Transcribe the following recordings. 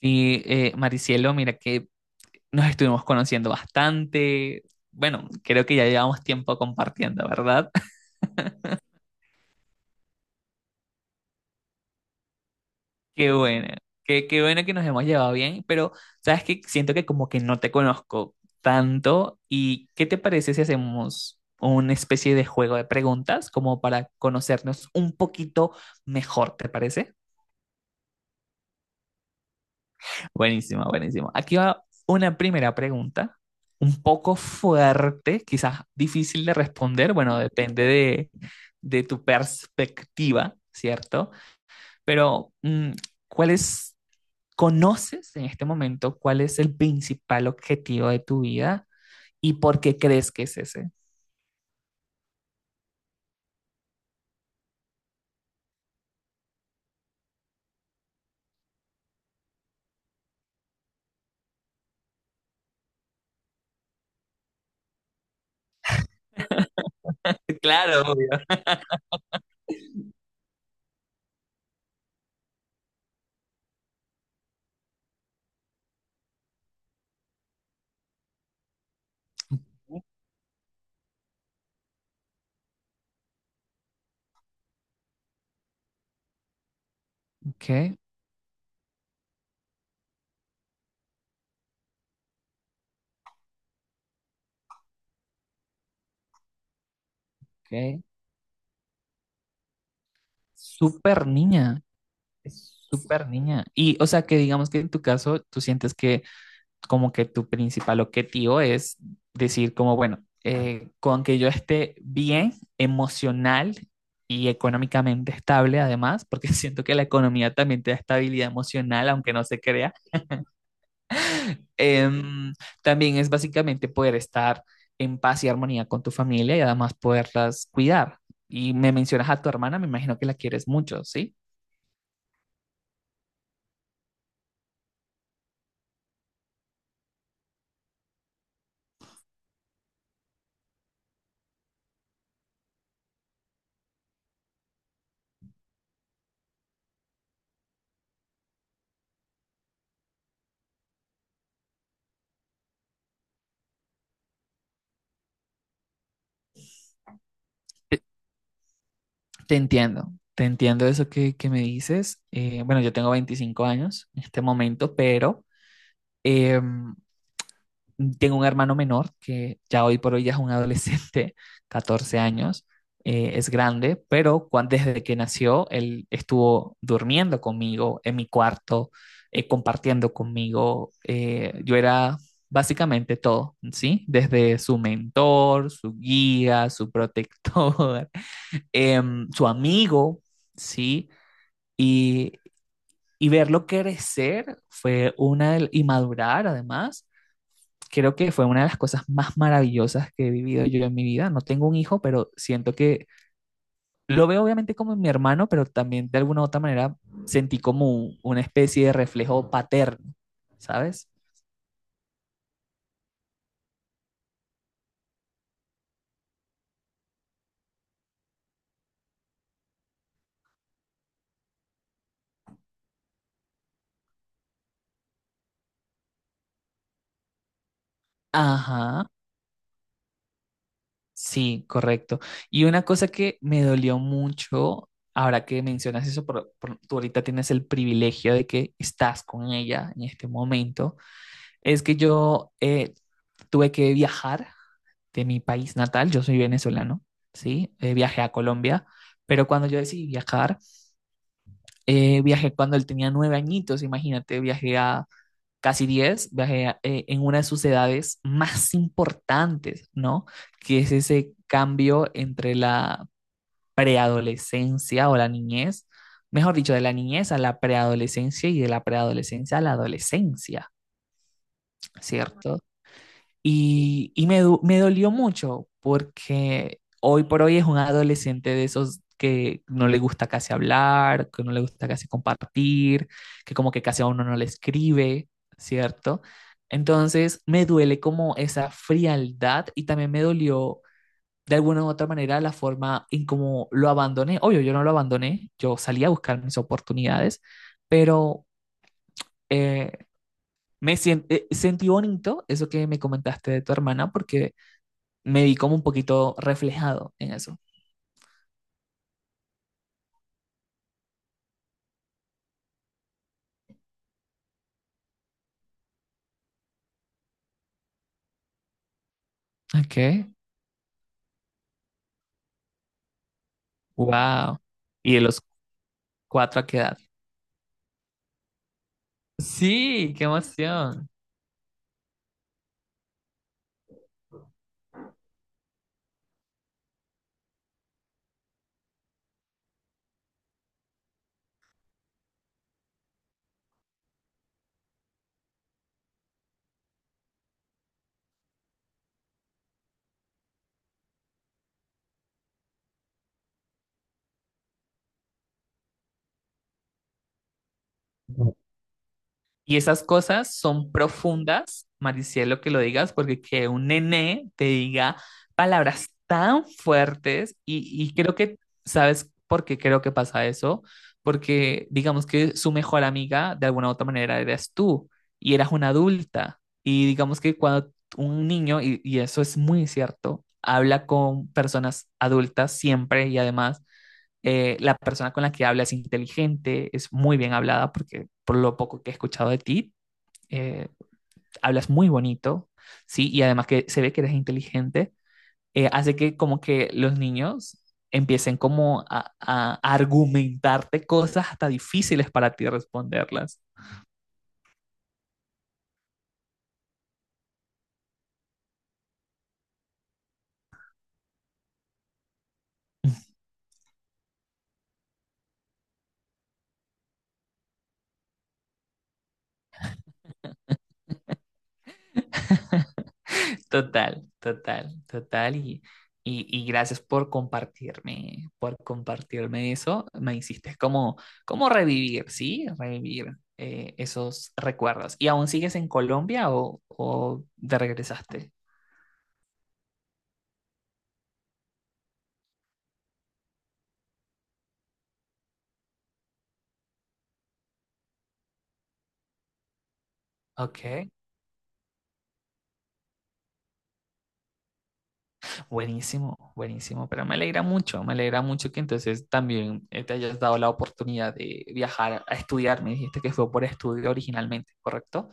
Maricielo, mira que nos estuvimos conociendo bastante. Bueno, creo que ya llevamos tiempo compartiendo, ¿verdad? Qué bueno, qué bueno que nos hemos llevado bien, pero sabes que siento que como que no te conozco tanto. ¿Y qué te parece si hacemos una especie de juego de preguntas como para conocernos un poquito mejor, ¿te parece? Buenísimo, buenísimo. Aquí va una primera pregunta, un poco fuerte, quizás difícil de responder, bueno, de tu perspectiva, ¿cierto? Pero, ¿cuál es, conoces en este momento cuál es el principal objetivo de tu vida y por qué crees que es ese? Claro, obvio. Ok, ok. Súper niña, es súper niña. Y, o sea, que digamos que en tu caso, tú sientes que como que tu principal objetivo es decir como, bueno, con que yo esté bien emocional y económicamente estable además, porque siento que la economía también te da estabilidad emocional, aunque no se crea, em, también es básicamente poder estar en paz y armonía con tu familia y además poderlas cuidar. Y me mencionas a tu hermana, me imagino que la quieres mucho, ¿sí? Te te entiendo, te entiendo eso que me dices. Bueno, yo tengo 25 años en este momento, pero Em, tengo un hermano menor que ya hoy por hoy ya es un adolescente, 14 años, es grande, pero desde que nació él estuvo durmiendo conmigo en mi cuarto, compartiendo conmigo. Yo era básicamente todo, ¿sí? Desde su mentor, su guía, su protector, su amigo, ¿sí? Y, y verlo crecer fue una del- y madurar además creo que fue una de las cosas más maravillosas que he vivido yo en mi vida. No tengo un hijo, pero siento que lo veo obviamente como mi hermano, pero también de alguna u otra manera sentí como una especie de reflejo paterno, ¿sabes? Ajá, sí, correcto. Y una cosa que me dolió mucho, ahora que mencionas eso, tú ahorita tienes el privilegio de que estás con ella en este momento, es que yo tuve que viajar de mi país natal, yo soy venezolano, ¿sí? Viajé a Colombia, pero cuando yo decidí viajar, viajé cuando él tenía 9 añitos, imagínate, viajé a casi diez, en una de sus edades más importantes, ¿no? Que es ese cambio entre la preadolescencia o la niñez, mejor dicho, de la niñez a la preadolescencia y de la preadolescencia a la adolescencia, ¿cierto? Y, me dolió mucho porque hoy por hoy es un adolescente de esos que no le gusta casi hablar, que no le gusta casi compartir, que como que casi a uno no le escribe, ¿cierto? Entonces me duele como esa frialdad y también me dolió de alguna u otra manera la forma en cómo lo abandoné. Obvio, yo no lo abandoné, yo salí a buscar mis oportunidades, pero eh, sentí bonito eso que me comentaste de tu hermana porque me vi como un poquito reflejado en eso. Ok. Wow. ¿Y de los cuatro a qué edad? Sí, qué emoción. Y esas cosas son profundas, Maricielo, que lo digas, porque que un nené te diga palabras tan fuertes y, ¿sabes por qué creo que pasa eso? Porque digamos que su mejor amiga, de alguna u otra manera, eras tú y eras una adulta. Y digamos que cuando un niño, y eso es muy cierto, habla con personas adultas siempre y además la persona con la que habla es inteligente, es muy bien hablada, porque por lo poco que he escuchado de ti, eh, hablas muy bonito, ¿sí? Y además que se ve que eres inteligente, hace que como que los niños empiecen como a argumentarte cosas hasta difíciles para ti responderlas. Total, total, total. Y gracias por compartirme eso. Me hiciste como, como revivir, ¿sí? Revivir esos recuerdos. ¿Y aún sigues en Colombia o te regresaste? Ok, buenísimo, buenísimo. Pero me alegra mucho que entonces también te hayas dado la oportunidad de viajar a estudiar. Me dijiste que fue por estudio originalmente, ¿correcto?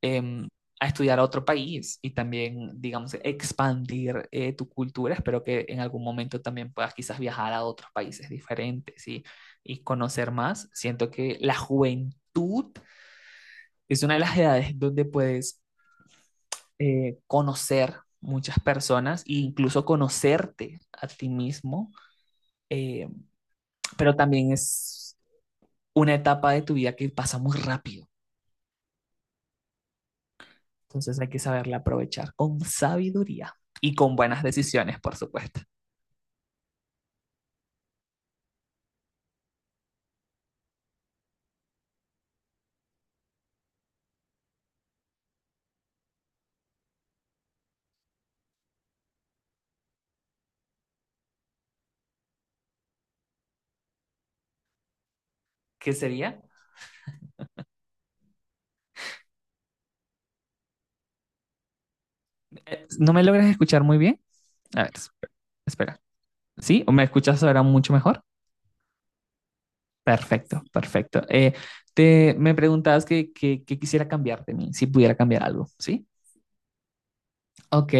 Em, a estudiar a otro país y también, digamos, expandir tu cultura. Espero que en algún momento también puedas quizás viajar a otros países diferentes y conocer más. Siento que la juventud es una de las edades donde puedes conocer muchas personas e incluso conocerte a ti mismo, eh, pero también es una etapa de tu vida que pasa muy rápido. Entonces hay que saberla aprovechar con sabiduría y con buenas decisiones, por supuesto. ¿Qué sería? ¿No me logras escuchar muy bien? A ver, espera. ¿Sí? ¿O me escuchas ahora mucho mejor? Perfecto, perfecto. Me preguntabas que, que quisiera cambiar de mí, si pudiera cambiar algo, ¿sí? Ok.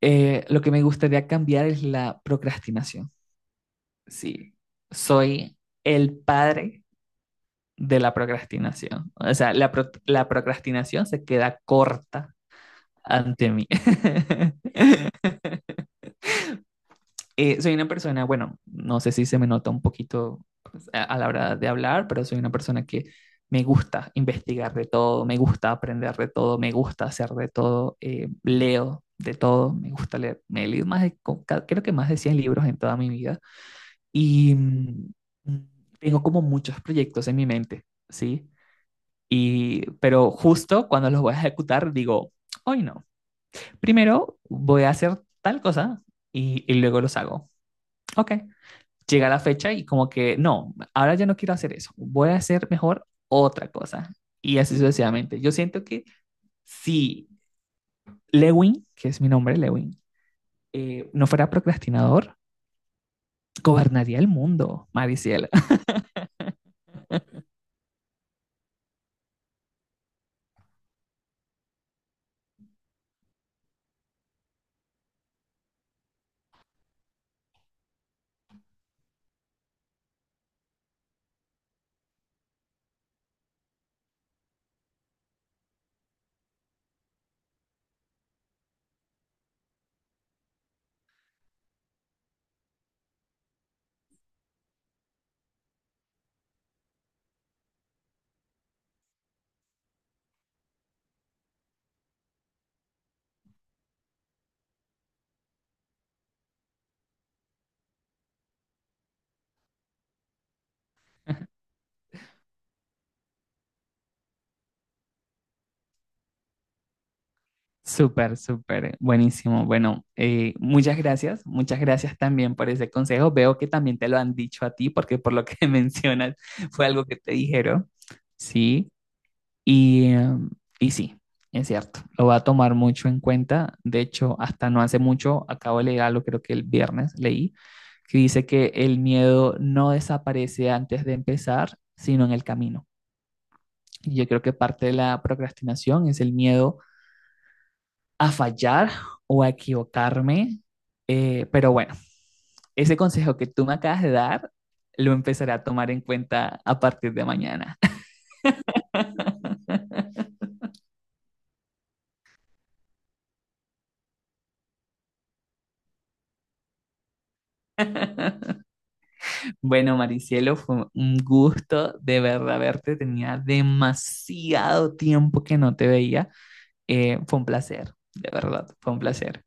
Lo que me gustaría cambiar es la procrastinación. Sí. Soy el padre de la procrastinación. O sea, la procrastinación se queda corta ante mí. Soy una persona, bueno, no sé si se me nota un poquito pues, a la hora de hablar, pero soy una persona que me gusta investigar de todo, me gusta aprender de todo, me gusta hacer de todo, leo de todo, me gusta leer. Me he leído más de, co- ca- creo que más de 100 libros en toda mi vida y mm, tengo como muchos proyectos en mi mente, ¿sí? Y, pero justo cuando los voy a ejecutar, digo, hoy no. Primero voy a hacer tal cosa y luego los hago. Ok, llega la fecha y como que, no, ahora ya no quiero hacer eso, voy a hacer mejor otra cosa. Y así sucesivamente. Yo siento que si Lewin, que es mi nombre, Lewin, no fuera procrastinador, gobernaría el mundo, Mariciela. Súper, súper, buenísimo. Bueno, muchas gracias también por ese consejo. Veo que también te lo han dicho a ti, porque por lo que mencionas fue algo que te dijeron. Sí, y, y sí, es cierto, lo va a tomar mucho en cuenta. De hecho, hasta no hace mucho, acabo de leer algo, creo que el viernes leí, que dice que el miedo no desaparece antes de empezar, sino en el camino. Y yo creo que parte de la procrastinación es el miedo a fallar o a equivocarme. Pero bueno, ese consejo que tú me acabas de dar, lo empezaré a tomar en cuenta a partir de mañana. Bueno, Maricielo, fue un gusto de verdad verte. Tenía demasiado tiempo que no te veía. Fue un placer, de verdad, fue un placer.